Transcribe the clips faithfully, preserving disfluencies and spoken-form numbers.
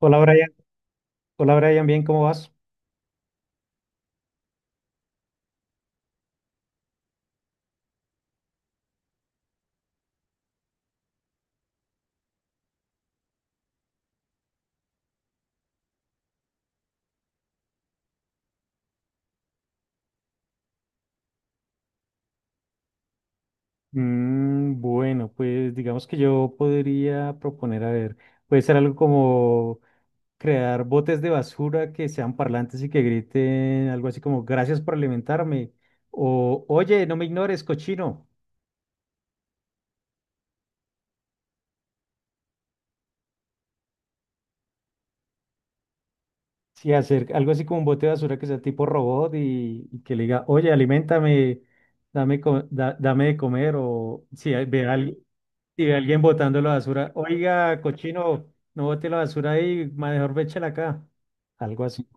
Hola Brian, hola Brian, bien, ¿cómo vas? Mm, bueno, pues digamos que yo podría proponer, a ver, puede ser algo como crear botes de basura que sean parlantes y que griten algo así como gracias por alimentarme o oye, no me ignores, cochino. Sí, hacer algo así como un bote de basura que sea tipo robot y, y que le diga, oye, aliméntame, dame, co- da- dame de comer, o si hay- ve a alguien, si ve a alguien botando la basura, oiga, cochino, no bote la basura ahí, mejor véchela acá, algo así.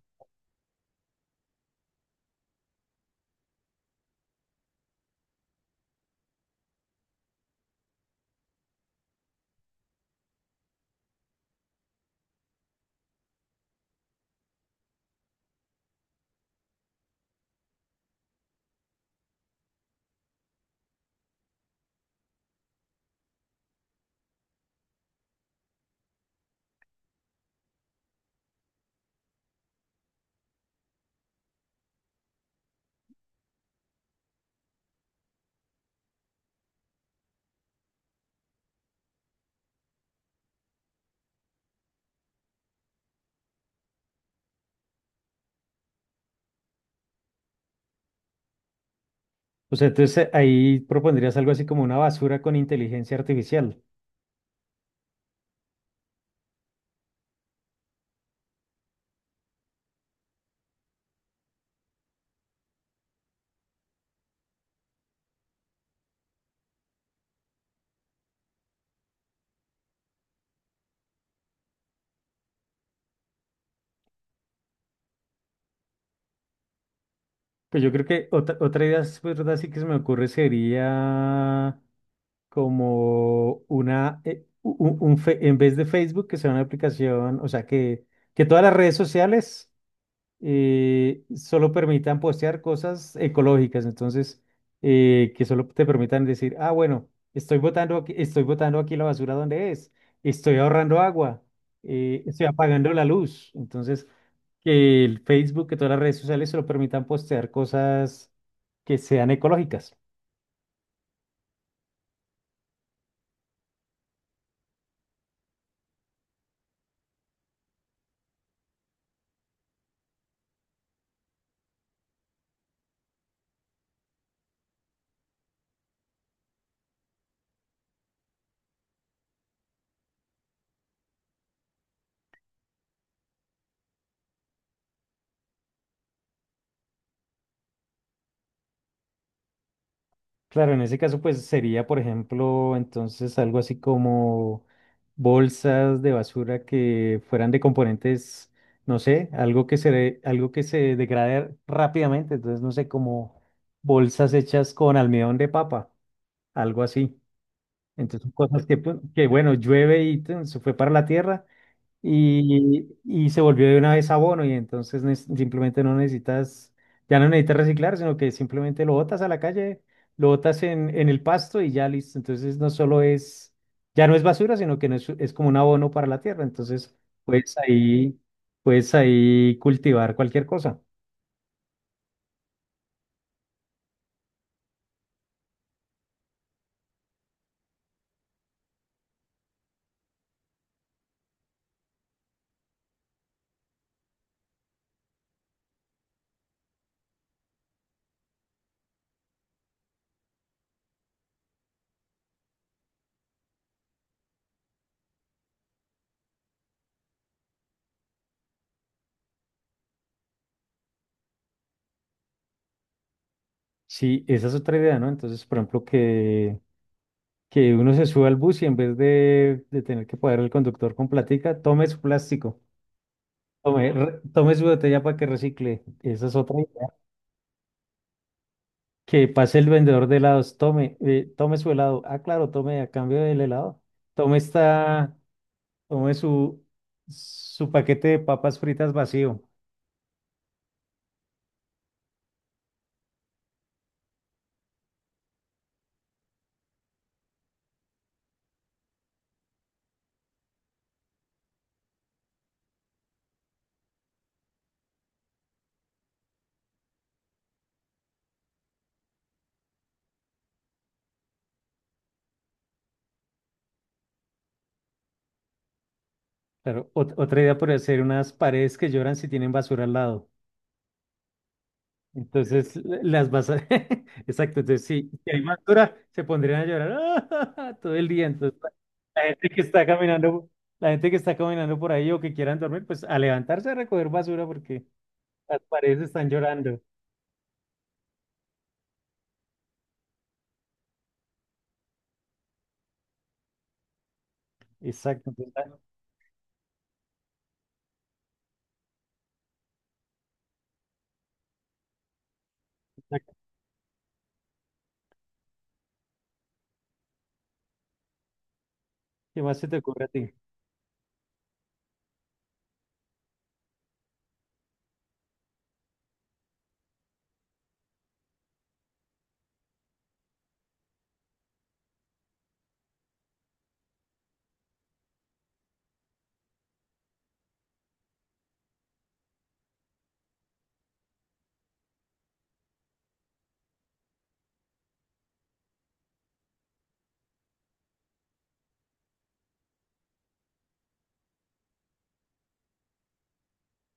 O sea, entonces eh, ahí propondrías algo así como una basura con inteligencia artificial. Pues yo creo que otra, otra idea, es verdad, sí que se me ocurre sería como una, eh, u- u- un, fe- en vez de Facebook, que sea una aplicación, o sea, que, que todas las redes sociales eh, solo permitan postear cosas ecológicas, entonces, eh, que solo te permitan decir, ah, bueno, estoy botando aquí, estoy botando aquí la basura donde es, estoy ahorrando agua, eh, estoy apagando la luz, entonces, que el Facebook, que todas las redes sociales solo permitan postear cosas que sean ecológicas. Claro, en ese caso, pues sería, por ejemplo, entonces algo así como bolsas de basura que fueran de componentes, no sé, algo que se, de- algo que se degrade rápidamente, entonces, no sé, como bolsas hechas con almidón de papa, algo así. Entonces, son cosas que, pues, que bueno, llueve y tun, se fue para la tierra, y, y se volvió de una vez abono y entonces no es- simplemente no necesitas, ya no necesitas reciclar, sino que simplemente lo botas a la calle, lo botas en, en el pasto y ya listo. Entonces no solo es, ya no es basura, sino que no es, es como un abono para la tierra. Entonces puedes ahí, puedes ahí cultivar cualquier cosa. Sí, esa es otra idea, ¿no? Entonces, por ejemplo, que, que uno se suba al bus y en vez de, de tener que pagar al conductor con platica, tome su plástico. Tome, re- tome su botella para que recicle. Esa es otra idea. Que pase el vendedor de helados. Tome, eh, tome su helado. Ah, claro, tome a cambio del helado. Tome esta, tome su, Su paquete de papas fritas vacío. Claro, ot- otra idea podría ser unas paredes que lloran si tienen basura al lado. Entonces las vas a... Exacto, entonces si, si hay más dura, se pondrían a llorar todo el día. Entonces la la gente que está caminando, la gente que está caminando por ahí o que quieran dormir, pues a levantarse a recoger basura porque las paredes están llorando. Exacto, entonces, la- la- ¿qué más se te ocurre a ti?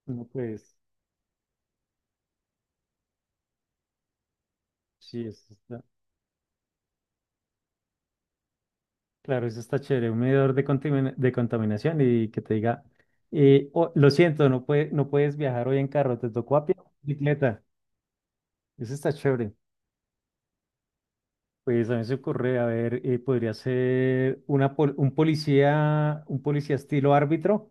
No, pues sí, eso está... Claro, eso está chévere, un medidor de, contamina- de contaminación y que te diga, eh, "Oh, lo siento, no, puede, no puedes viajar hoy en carro, te tocó a pie o en bicicleta. Eso está chévere. Pues a mí se ocurre, a ver, eh, podría ser una, pol- un policía, un policía estilo árbitro.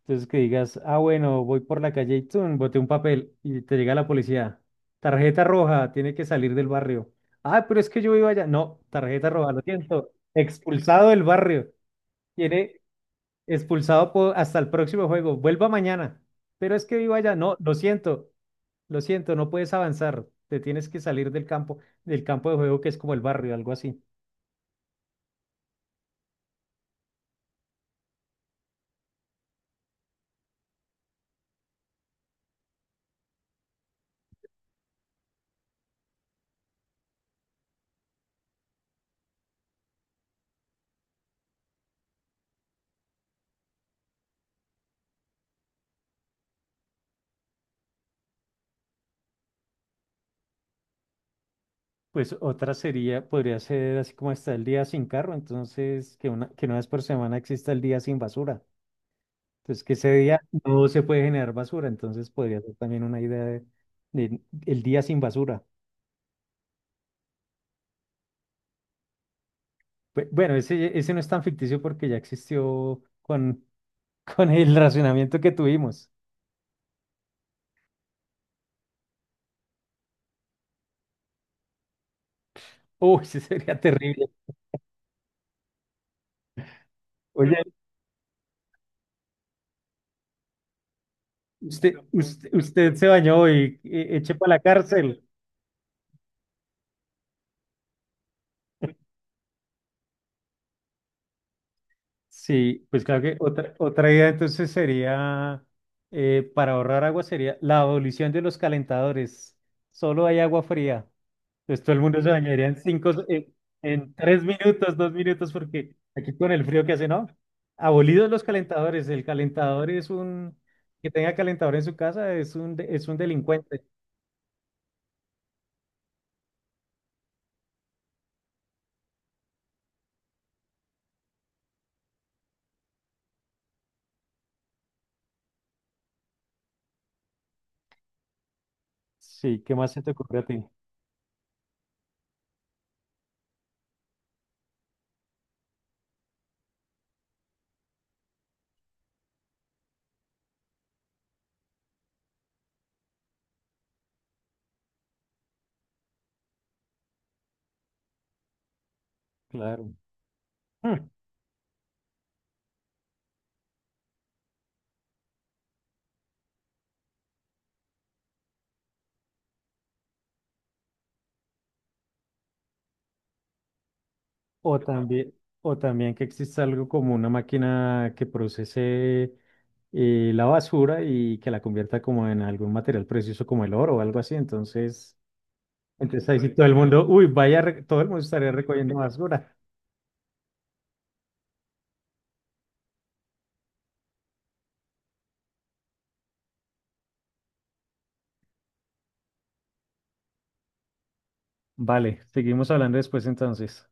Entonces que digas, ah, bueno, voy por la calle y tun, boté un papel y te llega la policía. Tarjeta roja, tiene que salir del barrio. Ah, pero es que yo vivo allá. No, tarjeta roja, lo siento. Expulsado del barrio. Tiene expulsado po- Hasta el próximo juego. Vuelva mañana. Pero es que vivo allá. No, lo siento, Lo siento, no puedes avanzar. Te tienes que salir del campo, del campo de juego que es como el barrio, algo así. Pues otra sería, podría ser así como está el día sin carro, entonces que una, que una vez por semana exista el día sin basura. Entonces que ese día no se puede generar basura, entonces podría ser también una idea de, de el día sin basura. Bue- Bueno, ese, ese no es tan ficticio porque ya existió con, con el racionamiento que tuvimos. Uy, ese sería terrible. Oye, usted, usted, usted se bañó y e-, eche para la cárcel. Sí, pues claro que otra, otra idea entonces sería, eh, para ahorrar agua sería la abolición de los calentadores. Solo hay agua fría. Entonces todo el mundo se bañaría en cinco, en, en tres minutos, dos minutos, porque aquí con el frío que hace, ¿no? Abolidos los calentadores. El calentador es un, Que tenga calentador en su casa es un, de- es un delincuente. Sí, ¿qué más se te ocurre a ti? Claro. O también, o también que exista algo como una máquina que procese eh, la basura y que la convierta como en algún material precioso como el oro o algo así. Entonces, entonces ahí sí todo el mundo, uy, vaya, re- todo el mundo estaría recogiendo basura. Vale, seguimos hablando después entonces.